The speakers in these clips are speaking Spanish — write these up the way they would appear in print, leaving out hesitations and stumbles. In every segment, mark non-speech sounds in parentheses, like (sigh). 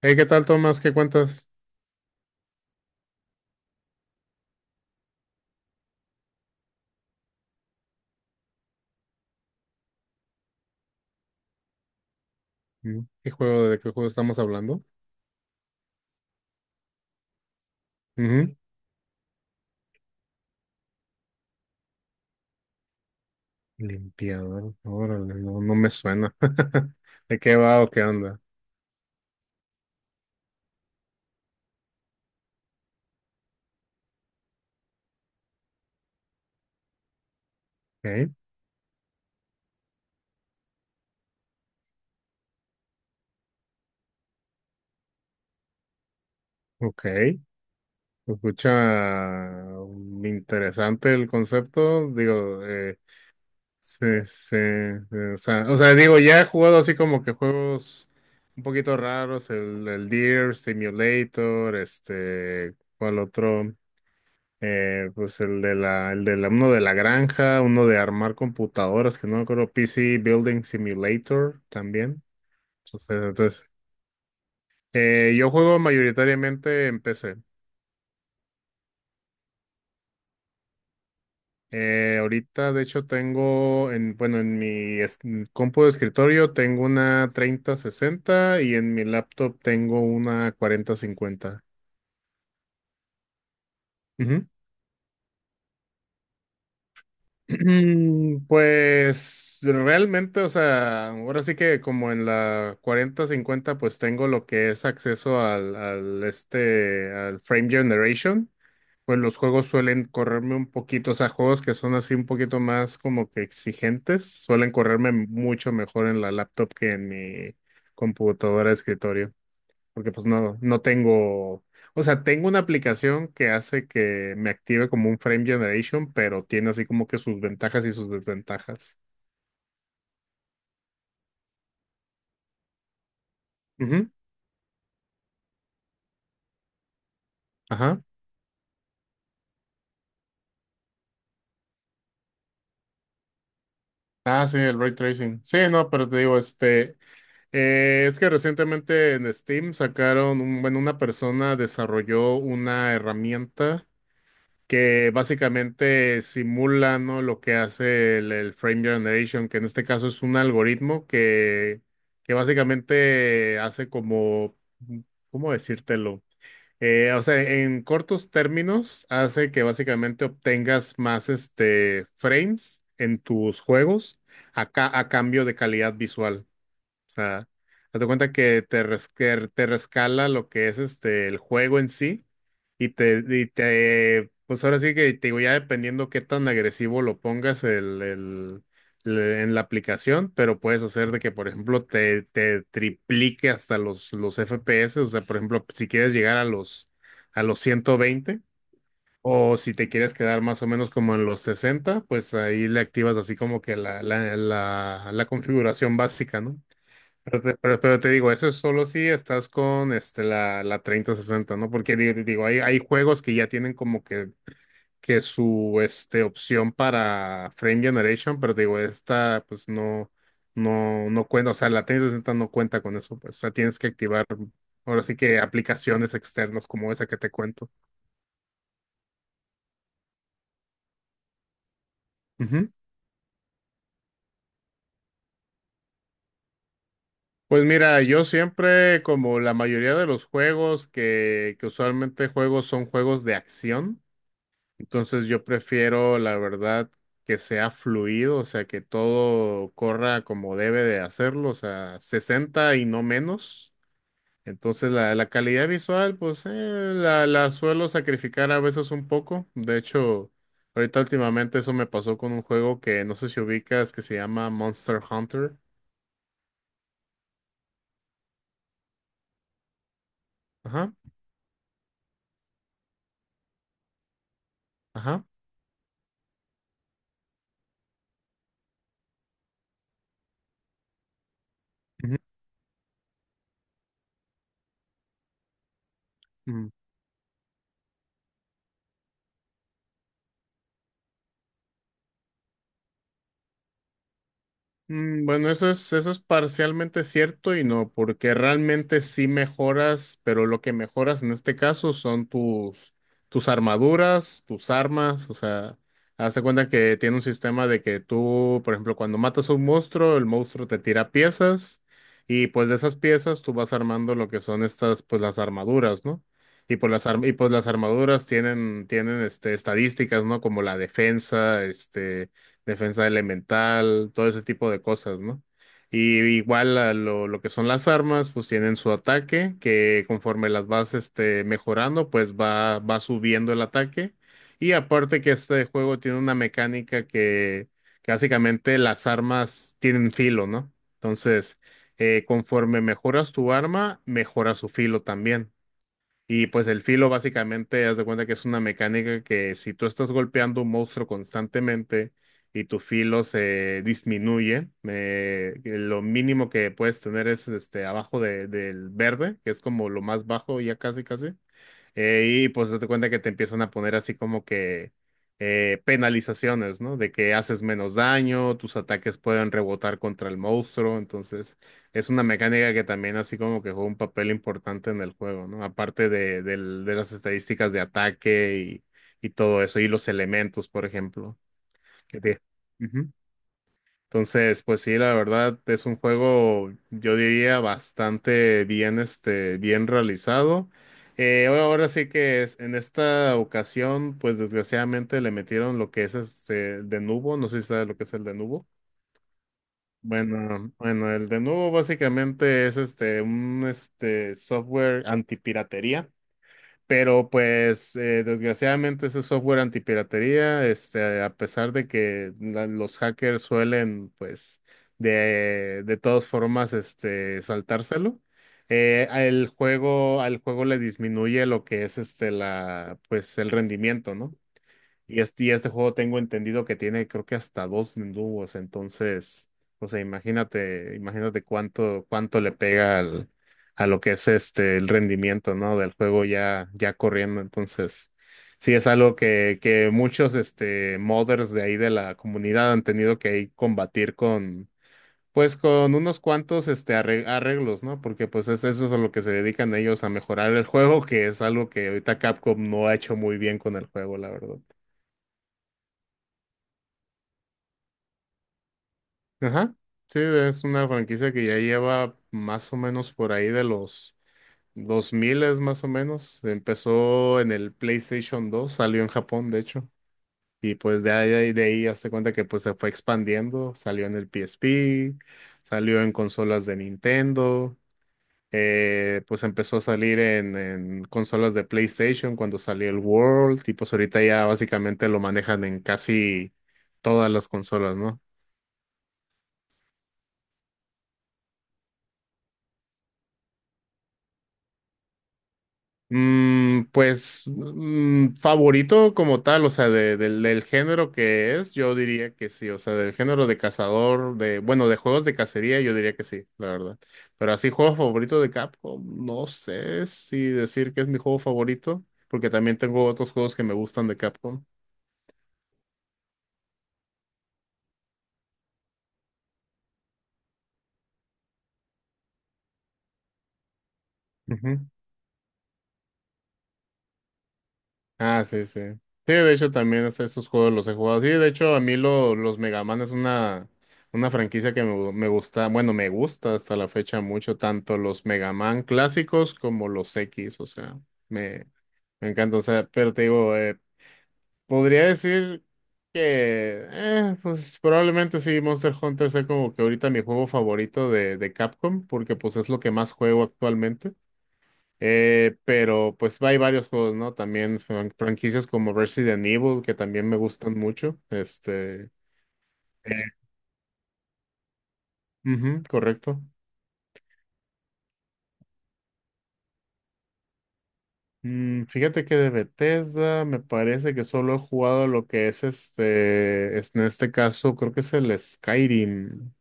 Hey, ¿qué tal, Tomás? ¿Qué cuentas? ¿Qué juego, de qué juego estamos hablando? Ujú. Limpiador, órale, no me suena. (laughs) ¿De qué va o qué onda? Ok, ok. Se Escucha mm, interesante el concepto. Digo, o sea, digo, ya he jugado así como que juegos un poquito raros, el Deer, Simulator, este, ¿cuál otro? Pues el de la, uno de la granja, uno de armar computadoras, que no me acuerdo, PC Building Simulator también. Entonces, yo juego mayoritariamente en PC. Ahorita, de hecho, tengo bueno, en mi compu de escritorio tengo una 3060 y en mi laptop tengo una 4050. Pues realmente, o sea, ahora sí que como en la 4050, pues tengo lo que es acceso al Frame Generation. Pues los juegos suelen correrme un poquito, o sea, juegos que son así un poquito más como que exigentes, suelen correrme mucho mejor en la laptop que en mi computadora de escritorio porque pues no tengo, o sea, tengo una aplicación que hace que me active como un frame generation, pero tiene así como que sus ventajas y sus desventajas. Ujú, ajá. Ah, sí, el ray tracing. Sí, no, pero te digo, es que recientemente en Steam sacaron, bueno, una persona desarrolló una herramienta que básicamente simula, ¿no?, lo que hace el Frame Generation, que en este caso es un algoritmo que básicamente hace como, ¿cómo decírtelo? O sea, en cortos términos, hace que básicamente obtengas más este, frames en tus juegos a, a cambio de calidad visual. O sea, date cuenta que que te rescala lo que es este el juego en sí y te pues ahora sí que te digo, ya dependiendo qué tan agresivo lo pongas en la aplicación, pero puedes hacer de que, por ejemplo, te triplique hasta los FPS. O sea, por ejemplo, si quieres llegar a los 120 o si te quieres quedar más o menos como en los 60, pues ahí le activas así como que la configuración básica, ¿no? Pero te digo, eso es solo si estás con este, la 3060, ¿no? Porque digo, hay juegos que ya tienen como que su este, opción para frame generation, pero te digo, esta pues no cuenta, o sea, la 3060 no cuenta con eso, pues, o sea, tienes que activar ahora sí que aplicaciones externas como esa que te cuento. Ujú. Pues mira, yo siempre, como la mayoría de los juegos que usualmente juego son juegos de acción. Entonces yo prefiero, la verdad, que sea fluido, o sea, que todo corra como debe de hacerlo, o sea, 60 y no menos. Entonces la calidad visual, pues la suelo sacrificar a veces un poco. De hecho, ahorita últimamente eso me pasó con un juego que no sé si ubicas, que se llama Monster Hunter. Ajá, ajá, ujú. Bueno, eso es parcialmente cierto y no, porque realmente sí mejoras, pero lo que mejoras en este caso son tus, tus armaduras, tus armas, o sea, haz de cuenta que tiene un sistema de que tú, por ejemplo, cuando matas a un monstruo, el monstruo te tira piezas y pues de esas piezas tú vas armando lo que son estas, pues las armaduras, ¿no? Y pues las armaduras tienen este, estadísticas, ¿no? Como la defensa, este, defensa elemental, todo ese tipo de cosas, ¿no? Y igual a lo que son las armas, pues tienen su ataque, que conforme las vas este, mejorando, pues va subiendo el ataque. Y aparte que este juego tiene una mecánica que básicamente las armas tienen filo, ¿no? Entonces, conforme mejoras tu arma, mejora su filo también. Y pues el filo básicamente, haz de cuenta que es una mecánica que si tú estás golpeando un monstruo constantemente y tu filo se disminuye, lo mínimo que puedes tener es este abajo del verde, que es como lo más bajo ya casi casi. Y pues date cuenta que te empiezan a poner así como que penalizaciones, ¿no? De que haces menos daño, tus ataques pueden rebotar contra el monstruo, entonces es una mecánica que también así como que juega un papel importante en el juego, ¿no? Aparte de las estadísticas de ataque y todo eso, y los elementos, por ejemplo. que te- entonces, pues sí, la verdad es un juego, yo diría, bastante bien, este, bien realizado. Ahora sí que es, en esta ocasión, pues desgraciadamente le metieron lo que es este, el de nubo, no sé si sabes lo que es el de nubo. Bueno, el de nubo básicamente es este, un este, software antipiratería. Pero pues desgraciadamente ese software antipiratería, este, a pesar de que los hackers suelen pues de todas formas este, saltárselo, al juego le disminuye lo que es este, pues, el rendimiento, ¿no? Y este juego tengo entendido que tiene creo que hasta dos dúos, entonces, o sea, imagínate cuánto le pega al, a lo que es este el rendimiento, ¿no?, del juego ya corriendo. Entonces, sí es algo que muchos este modders de ahí de la comunidad han tenido que ahí combatir con, pues con unos cuantos este arreglos, ¿no? Porque pues es, eso es a lo que se dedican ellos a mejorar el juego, que es algo que ahorita Capcom no ha hecho muy bien con el juego, la verdad. Ajá, sí, es una franquicia que ya lleva más o menos por ahí de los 2000 más o menos. Empezó en el PlayStation 2, salió en Japón, de hecho. Y pues de ahí hazte cuenta que pues se fue expandiendo. Salió en el PSP, salió en consolas de Nintendo, pues empezó a salir en consolas de PlayStation cuando salió el World. Y pues ahorita ya básicamente lo manejan en casi todas las consolas, ¿no? Pues, favorito como tal, o sea, del del género que es, yo diría que sí, o sea, del género de cazador, de, bueno, de juegos de cacería, yo diría que sí, la verdad. Pero así, juego favorito de Capcom, no sé si decir que es mi juego favorito, porque también tengo otros juegos que me gustan de Capcom. Ah, sí, sí. Sí, de hecho también esos juegos los he jugado. Sí, de hecho a mí los Mega Man es una franquicia que me gusta, bueno, me gusta hasta la fecha mucho, tanto los Mega Man clásicos como los X, o sea, me, me encanta, o sea, pero te digo, podría decir que pues probablemente sí, Monster Hunter sea como que ahorita mi juego favorito de Capcom, porque pues es lo que más juego actualmente. Pero pues hay varios juegos, ¿no? También franquicias como Resident Evil, que también me gustan mucho. Este, ujú, correcto. Fíjate que de Bethesda me parece que solo he jugado lo que es en este caso creo que es el Skyrim.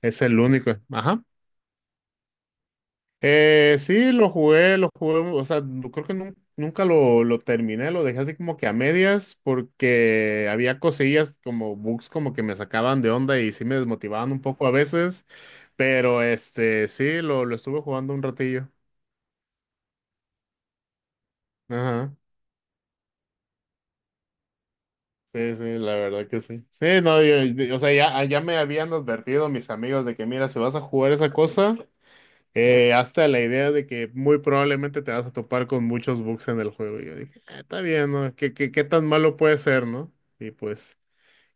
Es el único. Ajá. Sí, lo jugué, o sea, creo que nunca lo terminé, lo dejé así como que a medias porque había cosillas como bugs como que me sacaban de onda y sí me desmotivaban un poco a veces, pero este, sí, lo estuve jugando un ratillo. Ajá. Sí, sí, la verdad que sí. Sí, no, o sea, ya me habían advertido mis amigos de que, mira, si vas a jugar esa cosa. Hasta la idea de que muy probablemente te vas a topar con muchos bugs en el juego. Y yo dije, "Ah, está bien, ¿no? ¿Qué, qué tan malo puede ser, ¿no?" Y pues,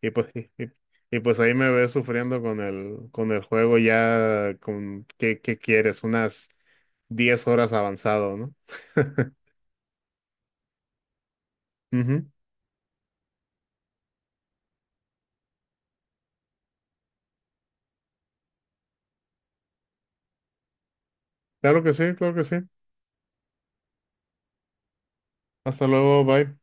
y pues, y, y- y pues ahí me ves sufriendo con el juego ya con, ¿qué, qué quieres? Unas 10 horas avanzado, ¿no? (laughs) Ujú. Claro que sí, claro que sí. Hasta luego, bye.